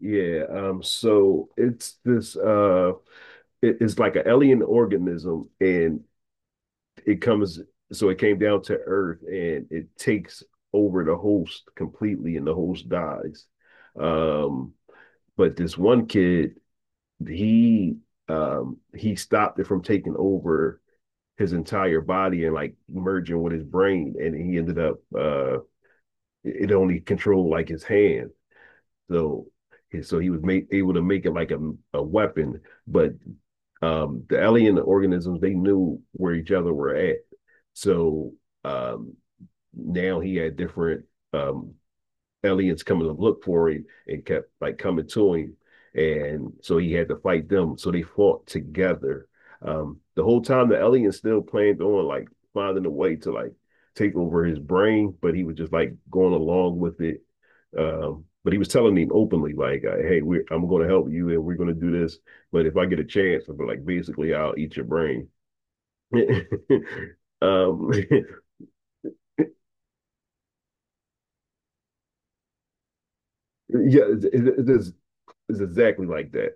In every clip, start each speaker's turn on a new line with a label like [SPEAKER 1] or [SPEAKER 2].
[SPEAKER 1] Yeah, so it's this it's like an alien organism and it comes so it came down to Earth, and it takes over the host completely and the host dies. Um, but this one kid, he he stopped it from taking over his entire body and like merging with his brain. And he ended up it it only controlled like his hand. So yeah, so he was made, able to make it like a weapon. But the alien organisms, they knew where each other were at. So um, now he had different um, aliens coming to look for him and kept like coming to him. And so he had to fight them. So they fought together. The whole time, the alien still planned on like finding a way to like take over his brain, but he was just like going along with it. Um, but he was telling him openly, like, "Hey, I'm going to help you, and we're going to do this. But if I get a chance, I'm like, basically, I'll eat your brain." um, yeah, it's exactly like that.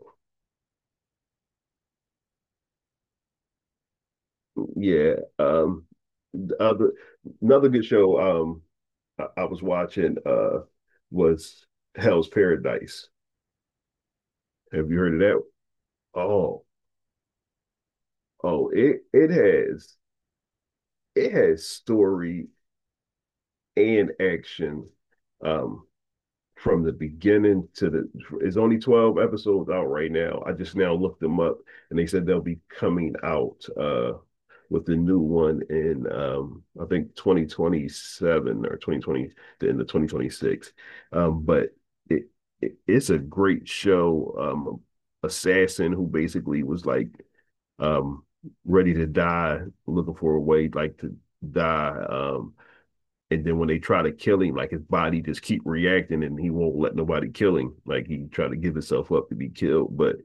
[SPEAKER 1] Yeah. The other Another good show I was watching was Hell's Paradise. Have you heard of that? Oh, oh, it has story and action. Um, from the beginning to the it's only 12 episodes out right now. I just now looked them up, and they said they'll be coming out with the new one in I think 2027 or 2020, the end of 2026. Um but it, it's a great show. Assassin who basically was like um ready to die, looking for a way like to die. And then when they try to kill him, like his body just keep reacting, and he won't let nobody kill him. Like he try to give himself up to be killed, but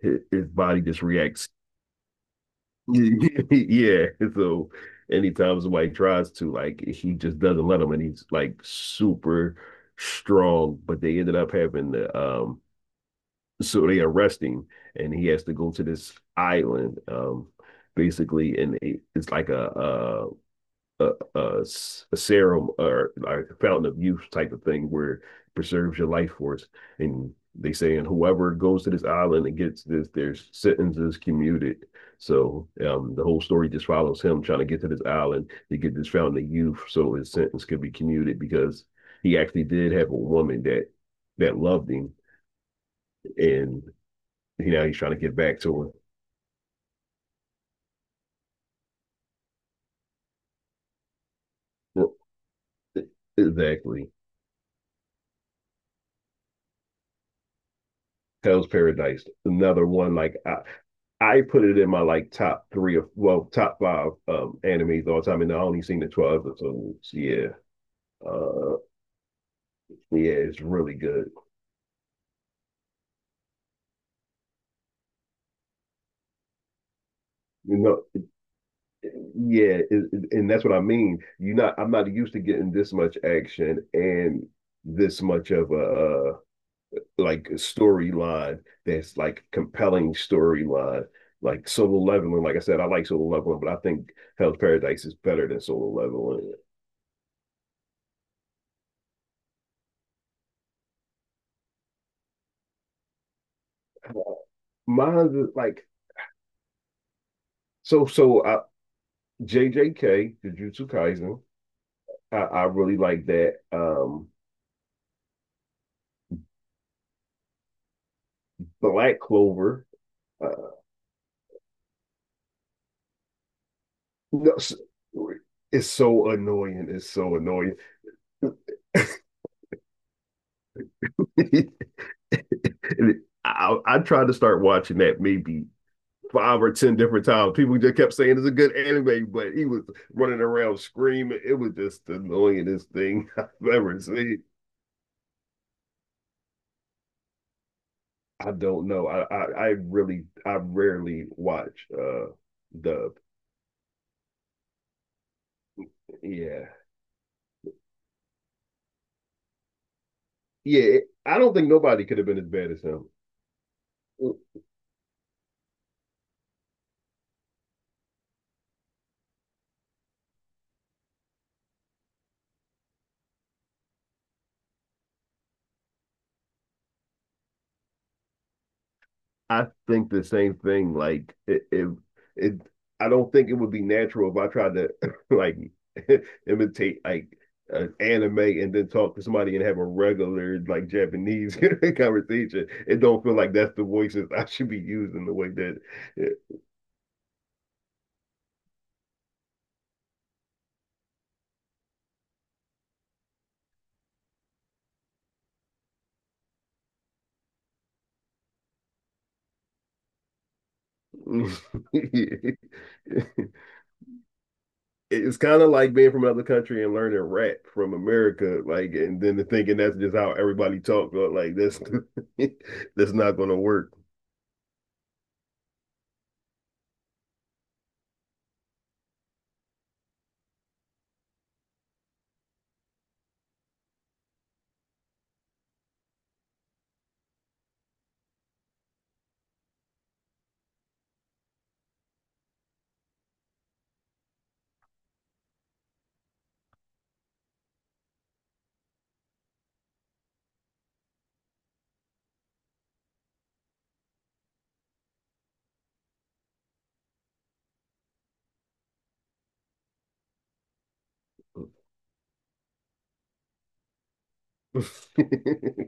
[SPEAKER 1] his body just reacts. yeah, so anytime somebody tries to, like he just doesn't let him, and he's like super strong. But they ended up having the so they arrest him, and he has to go to this island, basically. And it's like a a, a serum or like a fountain of youth type of thing where it preserves your life force. And they say, and whoever goes to this island and gets this, their sentence is commuted. So the whole story just follows him trying to get to this island to get this fountain of youth so his sentence could be commuted, because he actually did have a woman that loved him, and now he's trying to get back to her. Well, exactly. Hell's Paradise, another one. Like I put it in my like top three. Of well, top five animes all the time, and I only seen the twelve episodes. Yeah, uh, yeah, it's really good. You know, yeah, and that's what I mean. You not, I'm not used to getting this much action and this much of a like storyline, that's like compelling storyline. Like Solo Leveling, like I said, I like Solo Leveling, but I think Hell's Paradise is better than Solo Leveling. Mine is like so so. JJK, Jujutsu Kaisen. I really like that. Black Clover. Uh, no, it's so annoying. It's so annoying. And I tried to start watching that maybe five or ten different times. People just kept saying it's a good anime, but he was running around screaming. It was just the annoyingest thing I've ever seen. I don't know. I really I rarely watch dub. Yeah, yeah, I don't think nobody could have been as bad as him. I think the same thing. Like if it, it, it I don't think it would be natural if I tried to like imitate like an anime and then talk to somebody and have a regular like Japanese conversation. It don't feel like that's the voices I should be using the way that. Yeah. It's kind of like being from another country and learning rap from America, like, and then thinking that's just how everybody talks. Like that's that's not gonna work.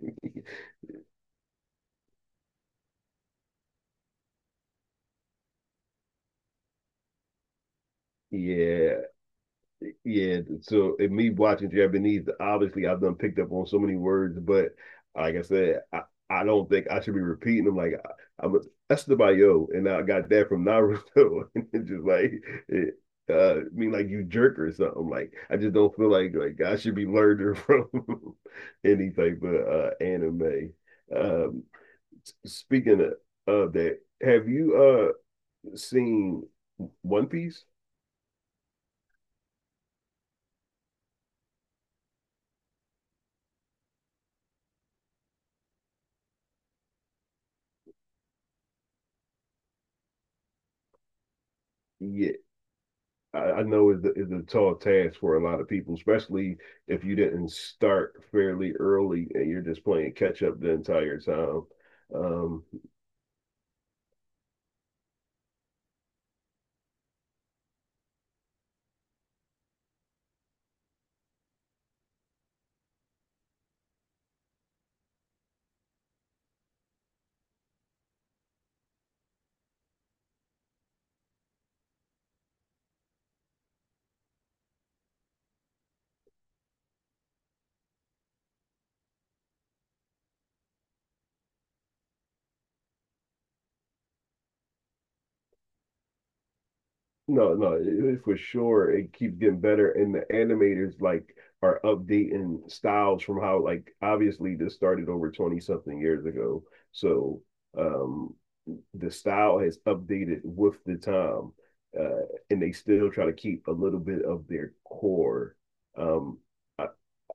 [SPEAKER 1] Yeah. Yeah, so in me watching Japanese, obviously I've done picked up on so many words, but like I said, I don't think I should be repeating them. Like I'm Estebayo, and I got that from Naruto, and it's just like it, I mean like you jerk or something. Like I just don't feel like I should be learning from any type of anime. Um, Speaking of that, have you seen One Piece? Yeah. I know it's a tall task for a lot of people, especially if you didn't start fairly early and you're just playing catch up the entire time. Um, no, no, for sure, it keeps getting better, and the animators like are updating styles from how like obviously this started over 20 something years ago. So um the style has updated with the time. Uh, and they still try to keep a little bit of their core. Um, I,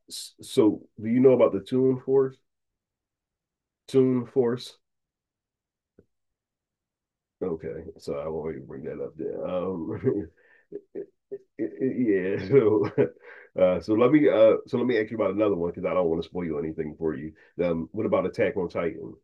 [SPEAKER 1] So, do you know about the Tune Force? Tune Force? Okay, so I won't even bring that up there. Yeah. So, so let me ask you about another one because I don't want to spoil anything for you. What about Attack on Titan?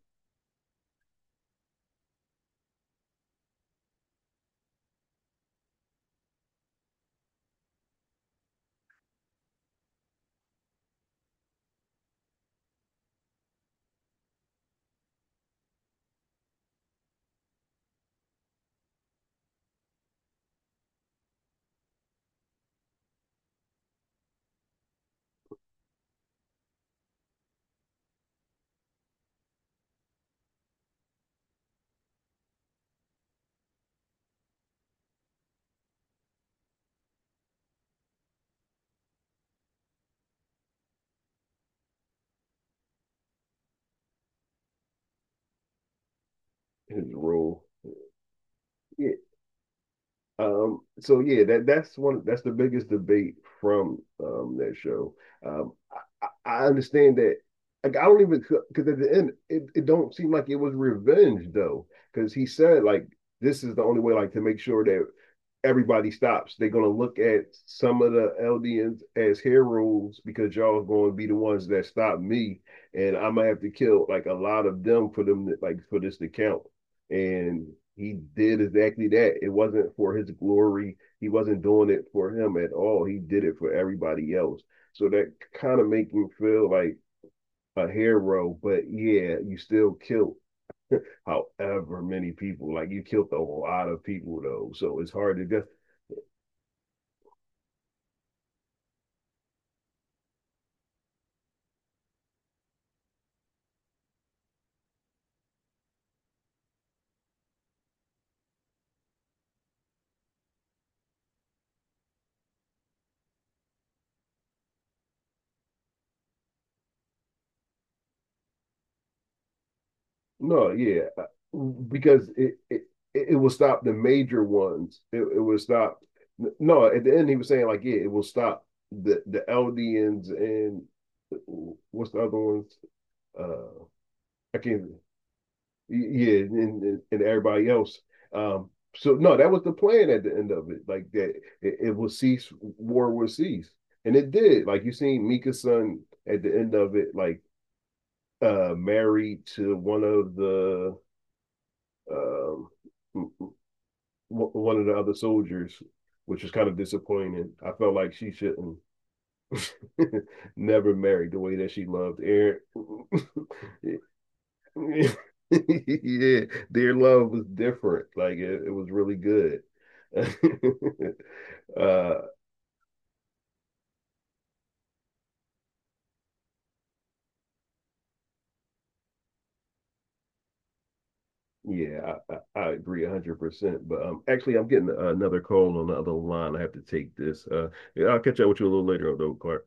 [SPEAKER 1] His role? Yeah. So yeah, that's one. That's the biggest debate from that show. Um, I understand that. Like I don't even, because at the end it don't seem like it was revenge, though, because he said like this is the only way like to make sure that everybody stops. They're gonna look at some of the Eldians as heroes because y'all going to be the ones that stop me, and I'm gonna have to kill like a lot of them for them to, like for this to count. And he did exactly that. It wasn't for his glory. He wasn't doing it for him at all. He did it for everybody else. So that kind of makes me feel like a hero, but yeah, you still killed however many people. Like you killed a lot of people though. So it's hard to guess. No, yeah, because it will stop the major ones. It will stop. No, at the end he was saying like, yeah, it will stop the Eldians and uh, what's the other ones? Uh, I can't. Yeah, and everybody else. Um, so no, that was the plan at the end of it. Like that, it will cease. War will cease, and it did. Like you seen Mika's son at the end of it, like married to um, one of the other soldiers, which was kind of disappointing. I felt like she shouldn't never married the way that she loved Eric. Yeah, their love was different. Like it was really good. uh, yeah, I agree 100%. But actually, I'm getting another call on the other line. I have to take this. Yeah, I'll catch up with you a little later, though, Clark.